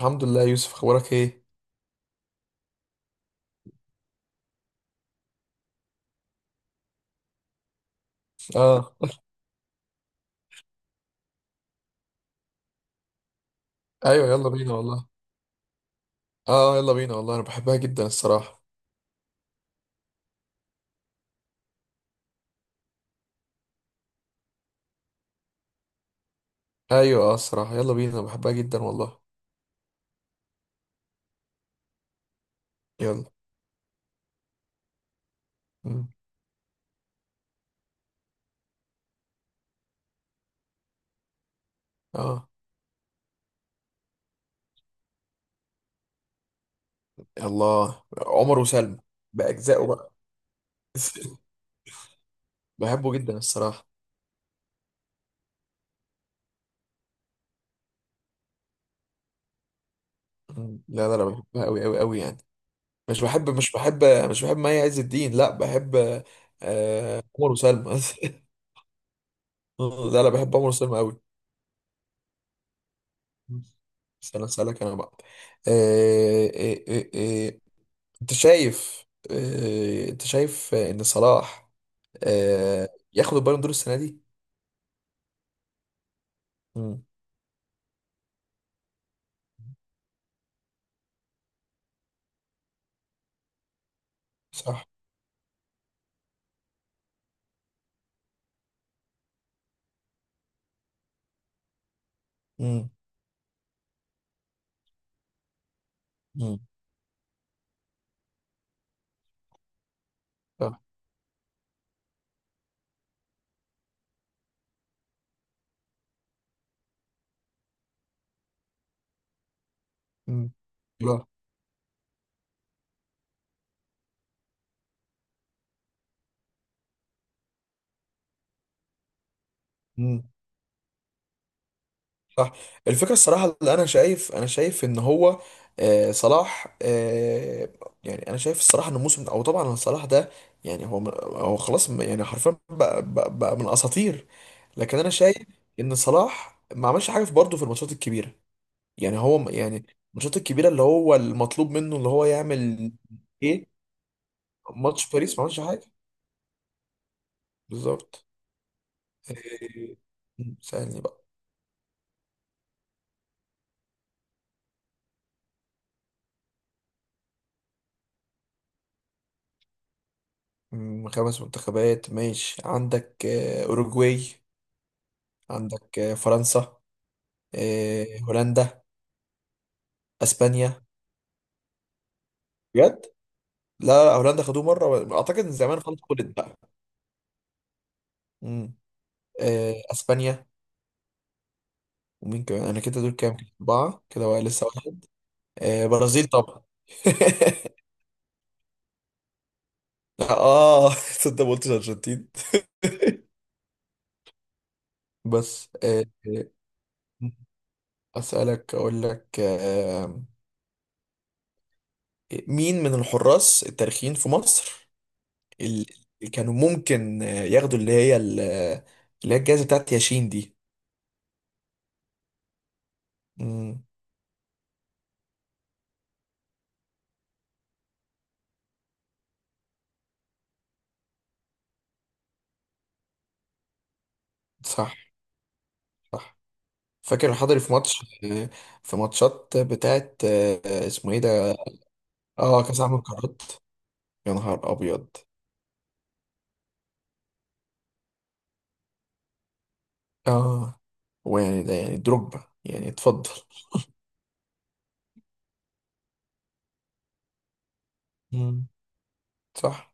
الحمد لله يا يوسف اخبارك ايه؟ اه، ايوه يلا بينا والله. اه يلا بينا والله، انا بحبها جدا الصراحه. ايوه اه الصراحه يلا بينا، أنا بحبها جدا والله. يلا. مم. اه الله، عمر وسلمى باجزائه بقى. بحبه جدا الصراحه. مم. لا لا لا، بحبها قوي قوي قوي يعني. مش بحب، مش بحب مي عز الدين، لا بحب آه عمر وسلمى. لا لا، بحب عمر وسلمى قوي. استنى اسالك انا بقى. آه آه آه آه. انت شايف، ان صلاح اه ياخد البالون دور السنه دي؟ امم صح. امم امم صح. امم لا. امم صح. الفكره الصراحه، اللي انا شايف، انا شايف ان هو اه صلاح يعني، انا شايف الصراحه ان الموسم، او طبعا إن صلاح ده، يعني هو، هو خلاص يعني حرفيا بقى من اساطير. لكن انا شايف ان صلاح ما عملش حاجه برضه في الماتشات الكبيره. يعني هو يعني الماتشات الكبيره اللي هو المطلوب منه، اللي هو يعمل ايه. ماتش باريس ما عملش حاجه. بالظبط. إيه، سألني بقى. خمس منتخبات. ماشي، عندك اوروجواي، عندك فرنسا، هولندا، اسبانيا. بجد؟ لا، هولندا خدوه مره، اعتقد ان زمان خلاص خدت بقى. مم. اسبانيا. ومين كمان؟ انا كده دول كام؟ اربعه كده بقى، لسه واحد. برازيل طبعا. اه. تصدق ما قلتش ارجنتين. بس اسالك، اقول لك مين من الحراس التاريخيين في مصر اللي كانوا ممكن ياخدوا اللي هي اللي هي الجائزه بتاعت ياشين دي؟ مم، صح، صح. فاكر الحضري في ماتش، آه، في ماتشات بتاعت اسمه ايه ده؟ اه، كاس عالم القارات. يا نهار ابيض. اه. ويعني ده يعني دروجبا يعني، اتفضل. مم، صح.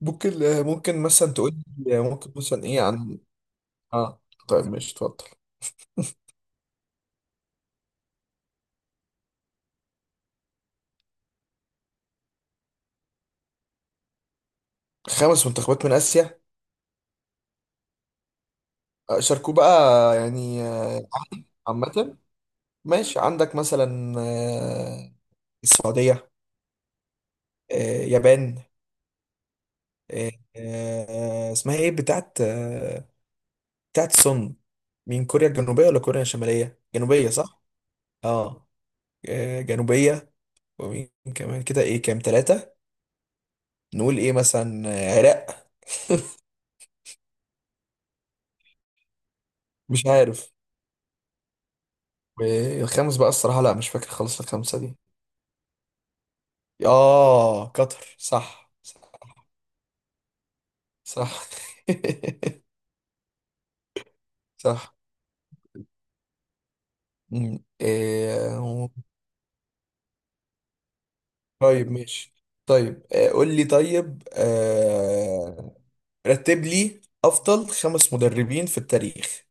ممكن ممكن مثلا تقول لي ممكن مثلا ايه عن، اه. طيب ماشي، اتفضل. خمس منتخبات من اسيا شاركوه بقى يعني عامة. ماشي، عندك مثلا السعودية، آه، يابان، آه، اسمها ايه بتاعت بتاعت سون؟ مين؟ كوريا الجنوبية ولا كوريا الشمالية؟ جنوبية صح. اه، جنوبية. ومين كمان كده؟ ايه كام، ثلاثة. نقول ايه؟ مثلا عراق. مش عارف. الخامس بقى الصراحة، لا مش فاكر خالص الخمسة دي. اه، قطر، صح صح. صح. صح. مم. إيه. طيب ماشي. طيب قول لي. طيب رتب لي افضل خمس مدربين في التاريخ.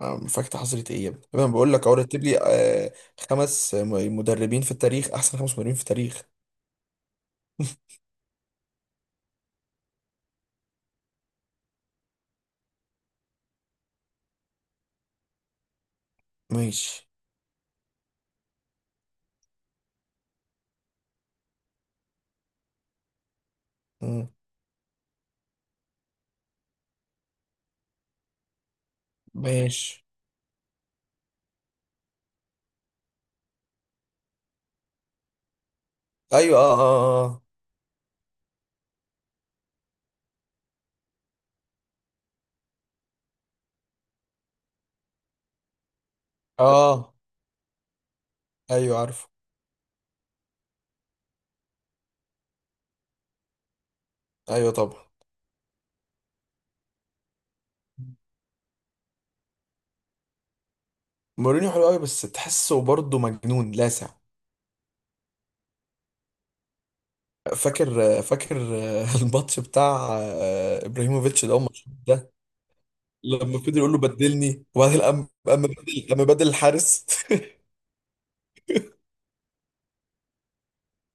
فاكت حصلت ايه يا ابني؟ طب انا بقول لك اهو، رتب لي خمس مدربين في التاريخ، احسن خمس مدربين في التاريخ. ماشي. مم. ماشي. ايوه اه اه. اه آه، ايوه عارفه. ايوه طبعا. مورينيو حلو قوي، بس تحسه برضه مجنون لاسع. فاكر، فاكر. الماتش بتاع ابراهيموفيتش ده، الماتش ده لما فضل يقول له بدلني، وبعدين قام بدل الحارس.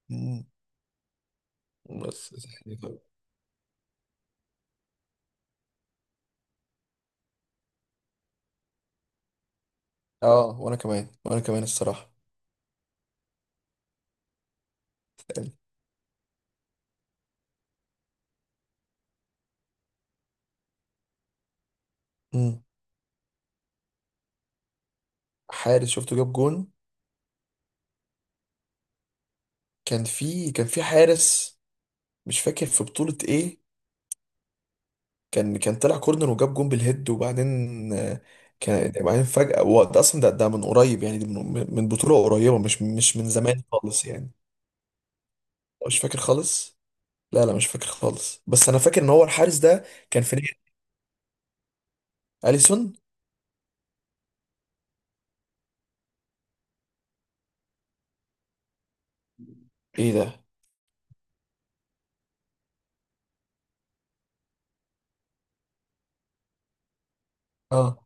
مم. بس يعني، طيب. اه وانا كمان، وانا كمان الصراحه يعني. مم. حارس شفته جاب جون؟ كان في، كان في حارس، مش فاكر في بطوله ايه، كان، كان طلع كورنر وجاب جون بالهيد، وبعدين آه، كان بعدين فجأة، وقت اصلا ده، ده من قريب يعني، دي من بطولة قريبة، مش، مش من زمان خالص يعني. مش فاكر خالص. لا لا مش فاكر خالص، بس انا فاكر ان هو الحارس ده كان في نادي اليسون. ايه ده؟ اه.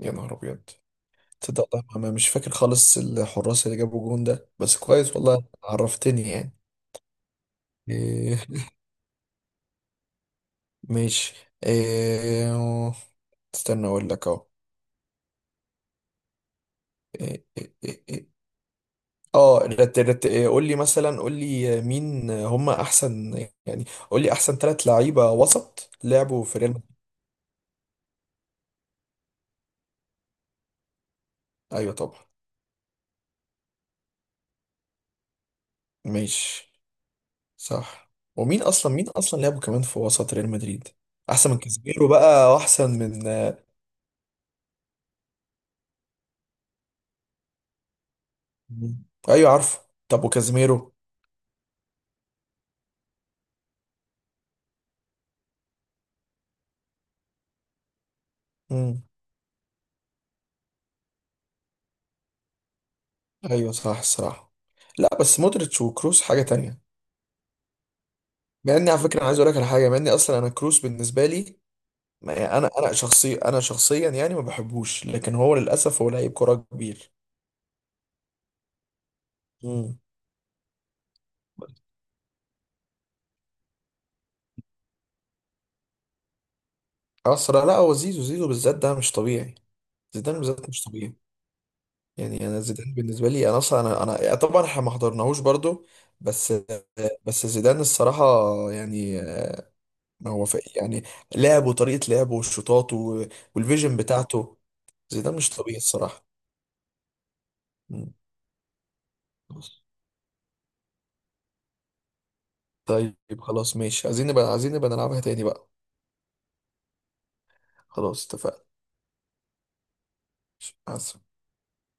يا نهار ابيض. تصدق والله ما مش فاكر خالص الحراس اللي جابوا الجون ده، بس كويس والله، عرفتني يعني. إيه. ماشي. إيه، استنى اقول لك اهو. إيه إيه إيه إيه. اه رت رت إيه، قول لي مثلا، قول لي مين هم احسن يعني، قول لي احسن ثلاث لعيبه وسط لعبوا في ريال مدريد. ايوه طبعا. ماشي، صح. ومين اصلا، مين اصلا لعبوا كمان في وسط ريال مدريد احسن من كازيميرو بقى، واحسن من. مم. ايوه عارفه. طب وكازيميرو؟ امم. ايوه صح الصراحه. لا بس مودريتش وكروس حاجه تانية. مع اني على فكره، انا عايز اقول لك على حاجه، مع اني اصلا انا كروس بالنسبه لي يعني، انا شخصي، انا شخصيا يعني ما بحبوش، لكن هو للاسف هو لعيب كرة كبير. امم. اسرع. لا هو زيزو، زيزو بالذات ده مش طبيعي. زيدان بالذات مش طبيعي. يعني انا زيدان بالنسبه لي، انا اصلا انا انا يعني، طبعا احنا ما حضرناهوش برضو، بس، بس زيدان الصراحه يعني، ما هو في يعني لعبه وطريقه لعبه والشوطات و، والفيجن بتاعته. زيدان مش طبيعي الصراحه. مم. طيب خلاص ماشي، عايزين نبقى، عايزين نبقى نلعبها تاني بقى. خلاص اتفقنا. مع السلامة.